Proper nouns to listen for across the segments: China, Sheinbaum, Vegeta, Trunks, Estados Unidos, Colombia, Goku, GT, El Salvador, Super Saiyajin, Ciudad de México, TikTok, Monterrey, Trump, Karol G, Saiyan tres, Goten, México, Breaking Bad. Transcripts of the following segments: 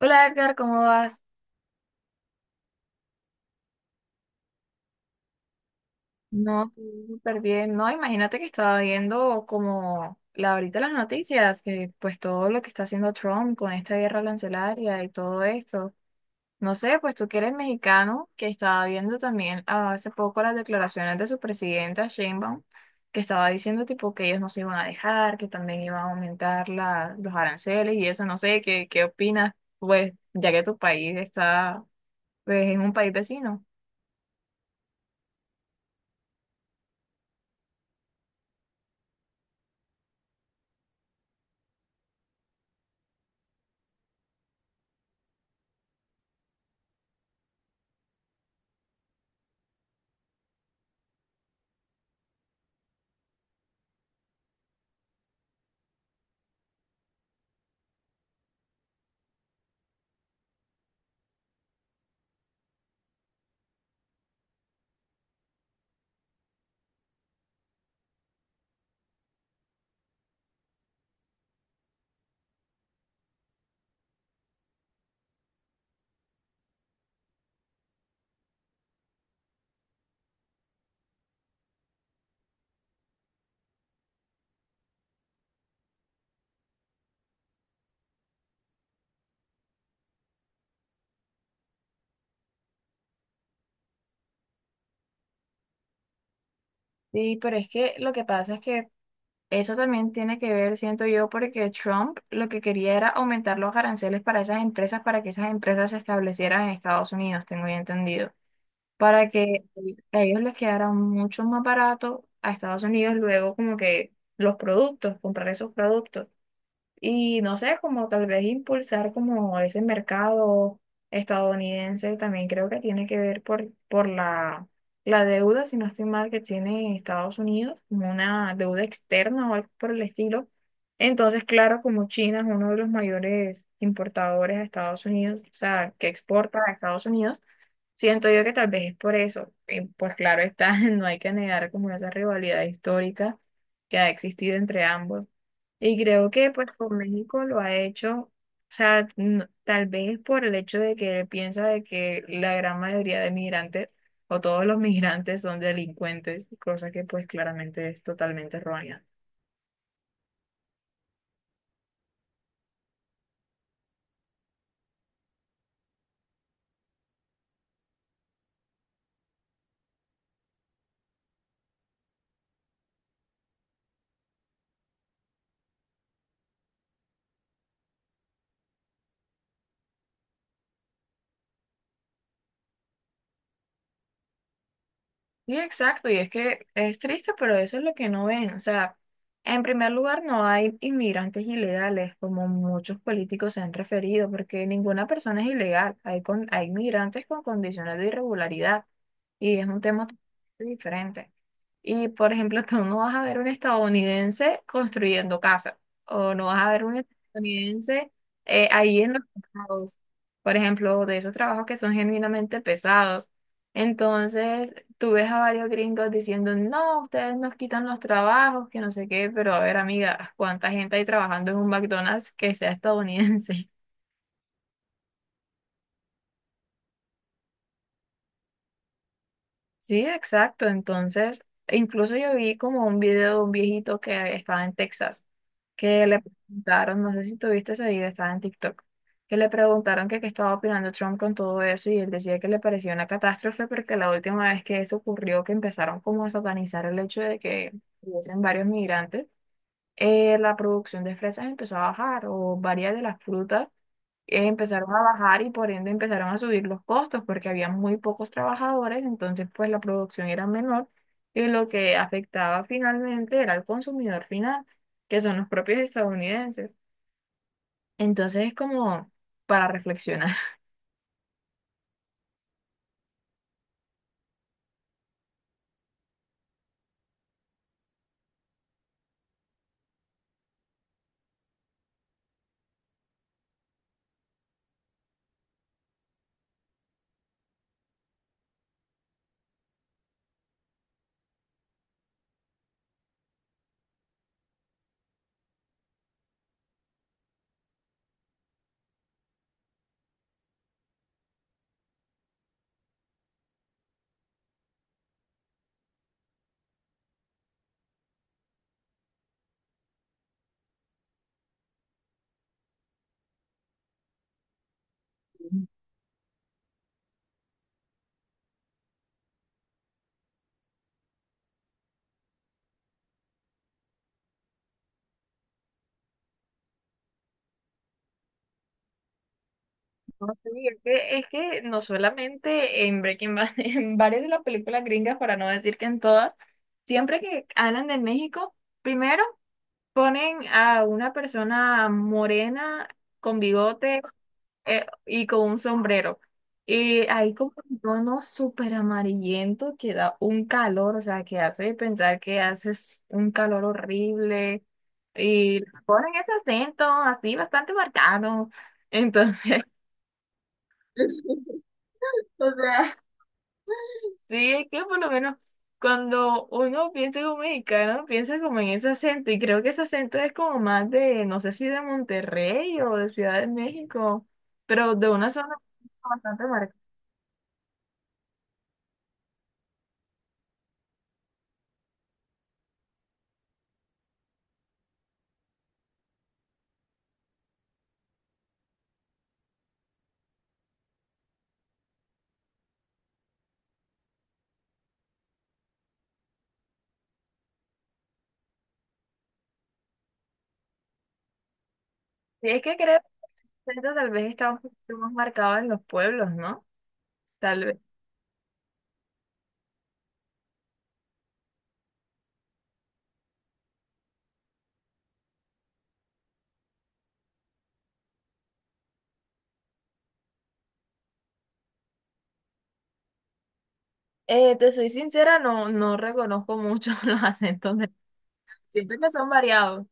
Hola Edgar, ¿cómo vas? No, todo súper bien. No, imagínate que estaba viendo como ahorita las noticias, que pues todo lo que está haciendo Trump con esta guerra arancelaria y todo esto. No sé, pues tú que eres mexicano, que estaba viendo también hace poco las declaraciones de su presidenta Sheinbaum, que estaba diciendo tipo que ellos no se iban a dejar, que también iban a aumentar los aranceles y eso, no sé, ¿qué opinas? Pues ya que tu país está, pues es un país vecino. Sí, pero es que lo que pasa es que eso también tiene que ver, siento yo, porque Trump lo que quería era aumentar los aranceles para esas empresas, para que esas empresas se establecieran en Estados Unidos, tengo ya entendido, para que a ellos les quedara mucho más barato a Estados Unidos luego como que los productos, comprar esos productos. Y no sé, como tal vez impulsar como ese mercado estadounidense también creo que tiene que ver por la deuda, si no estoy mal, que tiene Estados Unidos, como una deuda externa o algo por el estilo. Entonces, claro, como China es uno de los mayores importadores a Estados Unidos, o sea, que exporta a Estados Unidos, siento yo que tal vez es por eso. Y pues claro está, no hay que negar como esa rivalidad histórica que ha existido entre ambos. Y creo que pues con México lo ha hecho, o sea, tal vez por el hecho de que él piensa de que la gran mayoría de migrantes o todos los migrantes son delincuentes, cosa que pues claramente es totalmente errónea. Sí, exacto, y es que es triste, pero eso es lo que no ven. O sea, en primer lugar, no hay inmigrantes ilegales, como muchos políticos se han referido, porque ninguna persona es ilegal. Hay migrantes con condiciones de irregularidad, y es un tema totalmente diferente. Y, por ejemplo, tú no vas a ver un estadounidense construyendo casas, o no vas a ver un estadounidense ahí en los trabajos, por ejemplo, de esos trabajos que son genuinamente pesados. Entonces, tú ves a varios gringos diciendo, no, ustedes nos quitan los trabajos, que no sé qué, pero a ver, amiga, ¿cuánta gente hay trabajando en un McDonald's que sea estadounidense? Sí, exacto. Entonces, e incluso yo vi como un video de un viejito que estaba en Texas, que le preguntaron, no sé si tuviste ese video, estaba en TikTok, que le preguntaron que qué estaba opinando Trump con todo eso y él decía que le parecía una catástrofe porque la última vez que eso ocurrió, que empezaron como a satanizar el hecho de que hubiesen varios migrantes. La producción de fresas empezó a bajar o varias de las frutas empezaron a bajar y por ende empezaron a subir los costos porque había muy pocos trabajadores, entonces pues la producción era menor y lo que afectaba finalmente era al consumidor final, que son los propios estadounidenses. Entonces es como para reflexionar. No, sí, es que no solamente en Breaking Bad, en varias de las películas gringas, para no decir que en todas, siempre que hablan de México, primero ponen a una persona morena con bigote y con un sombrero. Y hay como un tono súper amarillento que da un calor, o sea, que hace pensar que haces un calor horrible. Y ponen ese acento así bastante marcado. Entonces, o sea. Sí, es que por lo menos cuando uno piensa como mexicano, piensa como en ese acento, y creo que ese acento es como más de, no sé si de Monterrey o de Ciudad de México, pero de una zona bastante marcada. Sí, es que creo que el acento tal vez está un poquito más marcado en los pueblos, ¿no? Tal vez. Te soy sincera, no reconozco mucho los acentos de... Siento que son variados.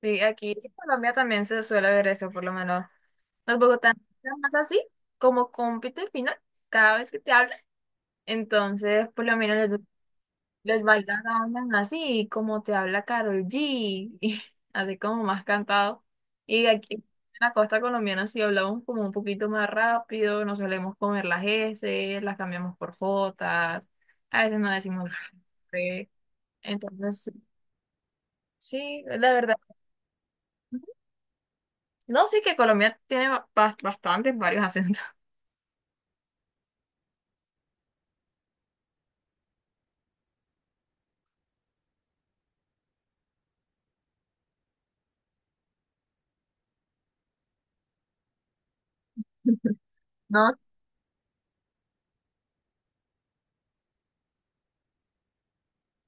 Sí, aquí en Colombia también se suele ver eso, por lo menos. Los bogotanos son más así, como compiten final, cada vez que te hablan. Entonces, por lo menos los bailas hablan así, y como te habla Karol G, y así como más cantado. Y aquí en la costa colombiana sí hablamos como un poquito más rápido, no solemos comer las S, las cambiamos por Jotas, a veces no decimos la R. Entonces, sí, la verdad. No, sí que Colombia tiene bastantes, varios acentos. No.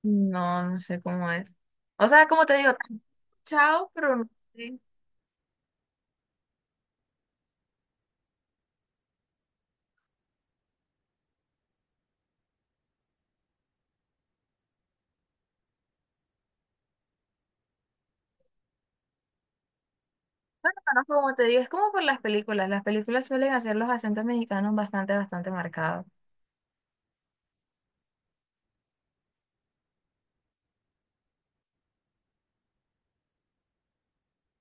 No, no sé cómo es. O sea, como te digo, chao, pero no sé. No, como te digo, es como por las películas. Las películas suelen hacer los acentos mexicanos bastante, bastante marcados.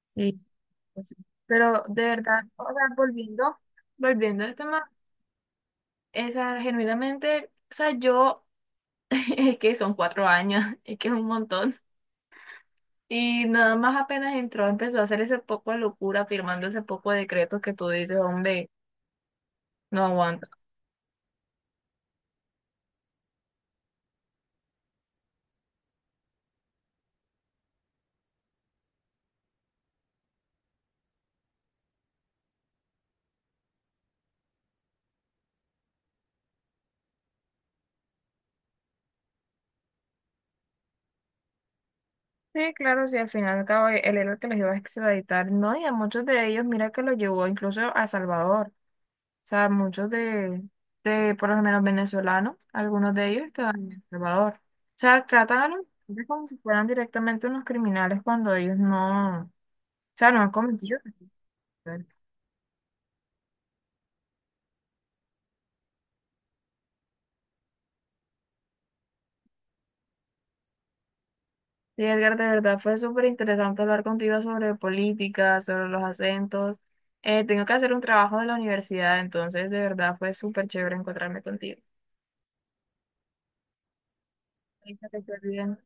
Sí, pues sí. Pero de verdad, o sea, volviendo, volviendo al tema, esa, genuinamente, o sea, yo, es que son 4 años, es que es un montón. Y nada más apenas entró, empezó a hacer ese poco de locura, firmando ese poco de decretos que tú dices, hombre, no aguanta. Sí, claro, sí, al final y al cabo el héroe que los iba a extraditar, no, y a muchos de ellos, mira que los llevó incluso a Salvador, o sea, muchos de por lo menos venezolanos, algunos de ellos estaban en El Salvador, o sea, tratan a los migrantes como si fueran directamente unos criminales cuando ellos no, o sea, no han cometido nada. Sí, Edgar, de verdad fue súper interesante hablar contigo sobre política, sobre los acentos. Tengo que hacer un trabajo de la universidad, entonces de verdad fue súper chévere encontrarme contigo. Ahí está, que te bien.